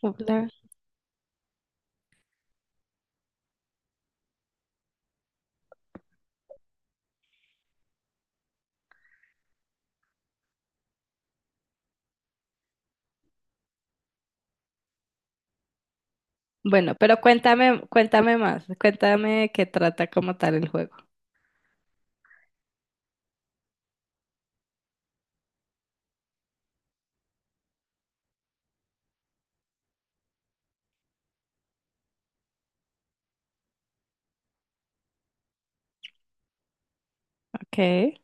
Poplar. Bueno, pero cuéntame más, cuéntame de qué trata como tal el juego, ¿ok?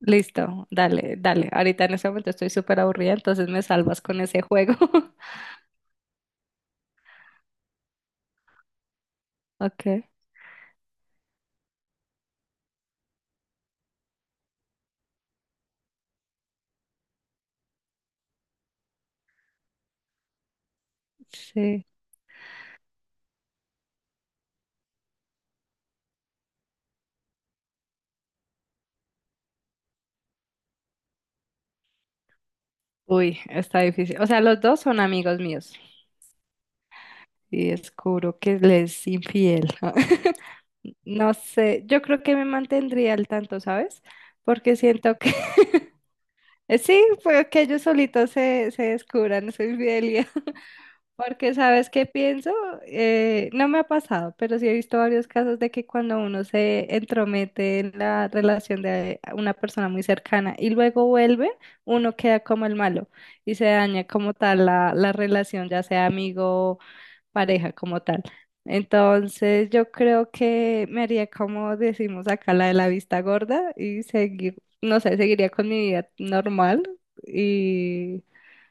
Listo, dale, dale. Ahorita en este momento estoy súper aburrida, entonces me salvas con ese juego. Ok, sí. Uy, está difícil. O sea, los dos son amigos míos y descubro que le es infiel. No sé, yo creo que me mantendría al tanto, ¿sabes? Porque siento que sí, fue que ellos solitos se descubran su infidelidad. Porque sabes qué pienso. No me ha pasado, pero sí he visto varios casos de que cuando uno se entromete en la relación de una persona muy cercana y luego vuelve, uno queda como el malo y se daña como tal la relación, ya sea amigo, pareja, como tal. Entonces yo creo que me haría, como decimos acá, la de la vista gorda y seguir, no sé, seguiría con mi vida normal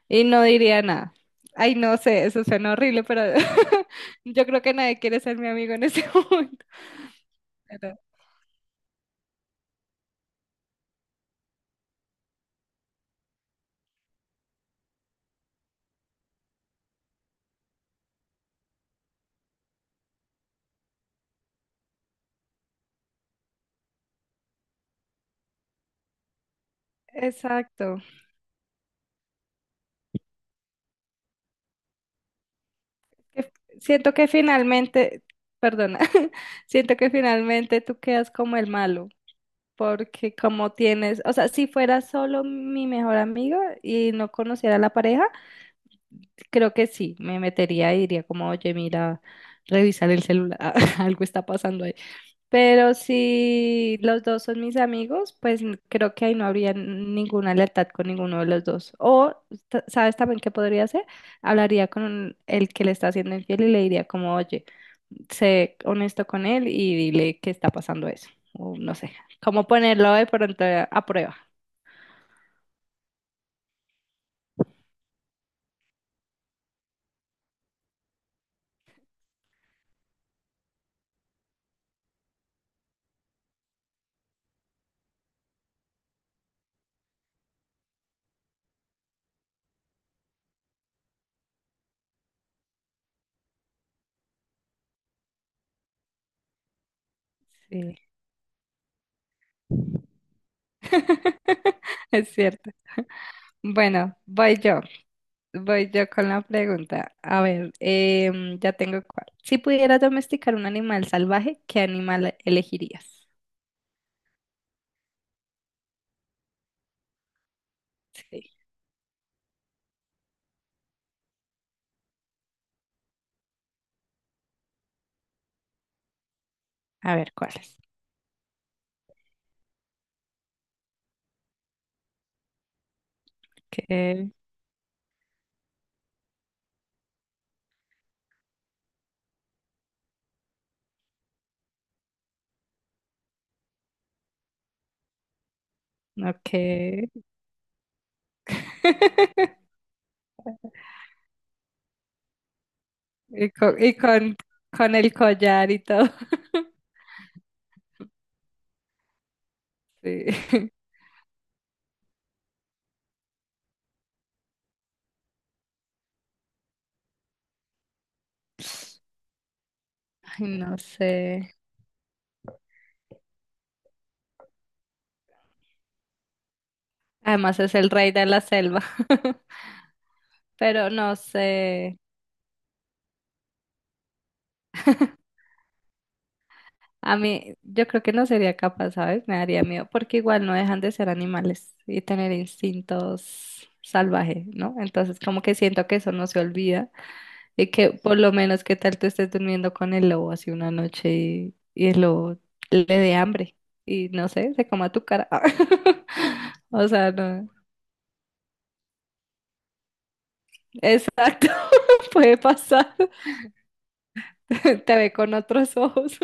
y no diría nada. Ay, no sé, eso suena horrible, pero yo creo que nadie quiere ser mi amigo en ese momento. Pero- exacto. Que- Siento que finalmente, perdona, siento que finalmente tú quedas como el malo, porque como tienes, o sea, si fuera solo mi mejor amigo y no conociera a la pareja, creo que sí, me metería y diría como, oye, mira, revisar el celular, algo está pasando. Pero si los dos son mis amigos, pues creo que ahí no habría ninguna lealtad con ninguno de los dos. O, ¿sabes también qué podría hacer? Hablaría con el que le está haciendo infiel y le diría como, oye, sé honesto con él y dile que está pasando eso. O no sé, cómo ponerlo de pronto a prueba. Sí. Es cierto. Bueno, voy yo. Voy yo con la pregunta. A ver, ya tengo cuál. Si pudieras domesticar un animal salvaje, ¿qué animal elegirías? Sí. A ver, ¿cuál es? ¿Qué? ¿No qué? Y con, y con, con el collar y todo. Sí. Ay, no sé. Además es el rey de la selva. Pero no sé. A mí, yo creo que no sería capaz, ¿sabes? Me daría miedo, porque igual no dejan de ser animales y tener instintos salvajes, ¿no? Entonces, como que siento que eso no se olvida y que por lo menos qué tal tú estés durmiendo con el lobo así una noche y el lobo le dé hambre y no sé, se coma tu cara. O sea, no. Exacto, puede pasar. Te ve con otros ojos.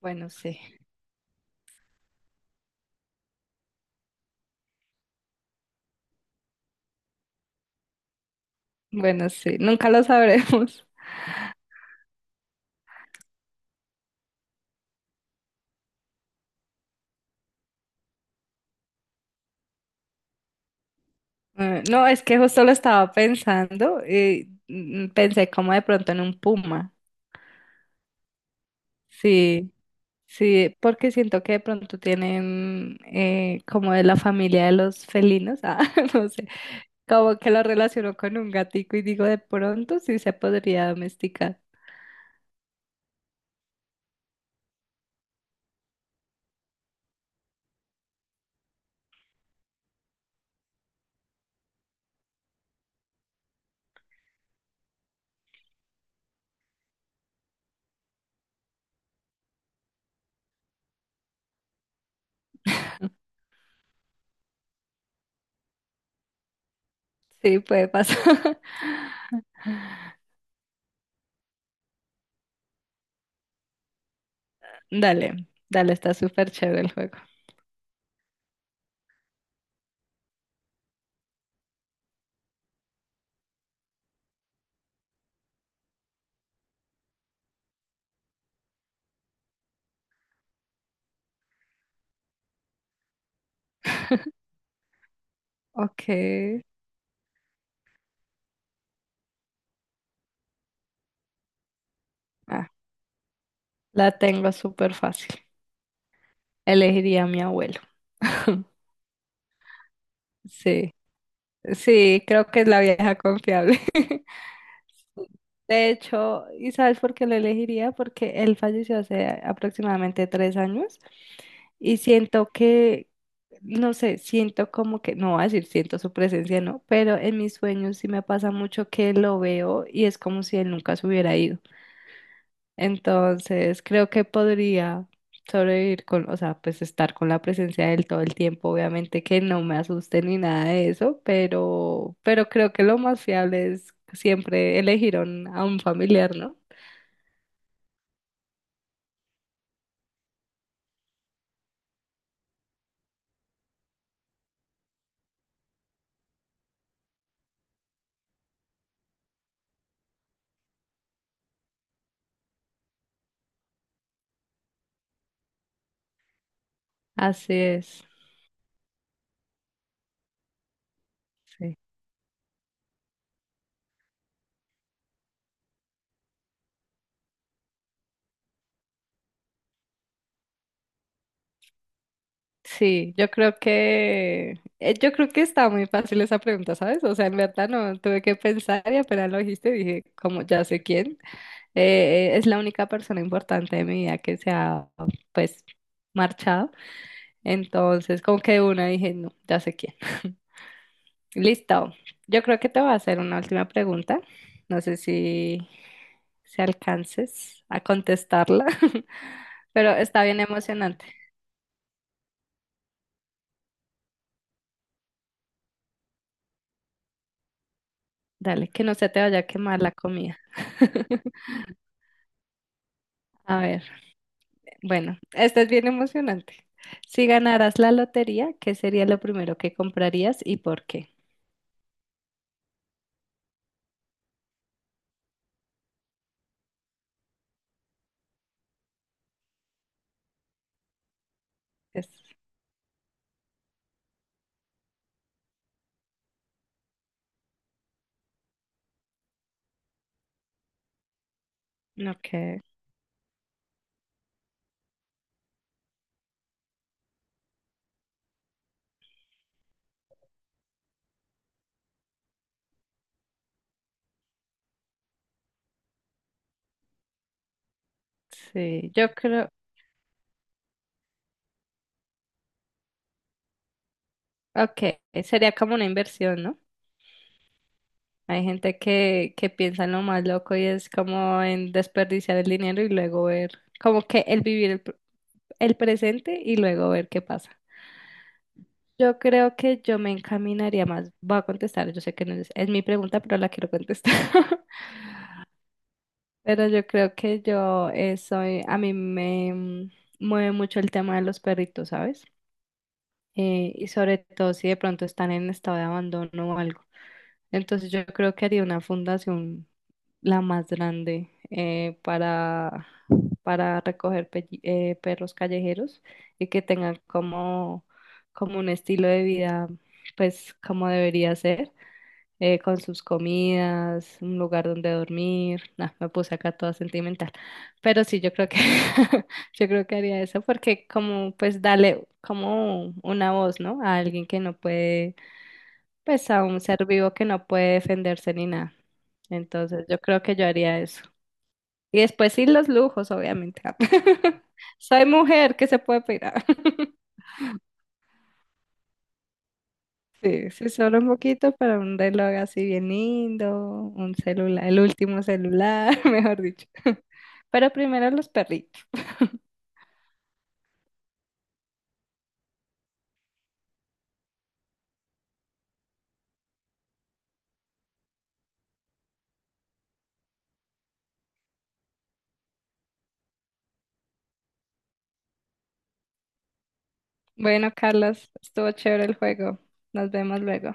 Bueno, sí, bueno, sí, nunca lo sabremos. No, es que justo lo estaba pensando y pensé como de pronto en un puma. Sí, sí, porque siento que de pronto tienen como de la familia de los felinos, ah, no sé, como que lo relaciono con un gatico y digo de pronto sí se podría domesticar. Sí, puede pasar. Dale, dale, está súper chévere el juego. Ok, ah, la tengo súper fácil. Elegiría a mi abuelo. Sí. Sí, creo que es la vieja confiable. De hecho, ¿y sabes por qué lo elegiría? Porque él falleció hace aproximadamente 3 años y siento que, no sé, siento como que, no voy a decir siento su presencia, no, pero en mis sueños sí me pasa mucho que lo veo y es como si él nunca se hubiera ido. Entonces, creo que podría sobrevivir con, o sea, pues estar con la presencia de él todo el tiempo. Obviamente que no me asuste ni nada de eso, pero creo que lo más fiable es siempre elegir a un familiar, ¿no? Así es. Sí, sí, yo creo que está muy fácil esa pregunta, ¿sabes? O sea, en verdad no tuve que pensar y apenas lo dijiste, dije, como ya sé quién, es la única persona importante de mi vida que se ha, pues, marchado. Entonces, como que de una dije, no, ya sé quién. Listo. Yo creo que te voy a hacer una última pregunta. No sé si alcances a contestarla, pero está bien emocionante. Dale, que no se te vaya a quemar la comida. A ver, bueno, esta es bien emocionante. Si ganaras la lotería, ¿qué sería lo primero que comprarías y por qué? Es, ok, sí, yo creo, ok, sería como una inversión, ¿no? Hay gente que piensa en lo más loco y es como en desperdiciar el dinero y luego ver, como que el vivir el presente y luego ver qué pasa. Yo creo que yo me encaminaría más, voy a contestar, yo sé que no es mi pregunta, pero la quiero contestar. Pero yo creo que a mí me mueve mucho el tema de los perritos, ¿sabes? Y sobre todo si de pronto están en estado de abandono o algo. Entonces yo creo que haría una fundación la más grande para recoger perros callejeros y que tengan como un estilo de vida, pues como debería ser, con sus comidas, un lugar donde dormir. Nah, me puse acá toda sentimental. Pero sí, yo creo que yo creo que haría eso porque como pues darle como una voz, ¿no? A alguien que no puede pues a un ser vivo que no puede defenderse ni nada. Entonces yo creo que yo haría eso. Y después sí los lujos, obviamente. Soy mujer, ¿qué se puede pedir? Sí, sí, solo un poquito para un reloj así bien lindo, un celular, el último celular, mejor dicho. Pero primero los perritos. Bueno, Carlos, estuvo chévere el juego. Nos vemos luego.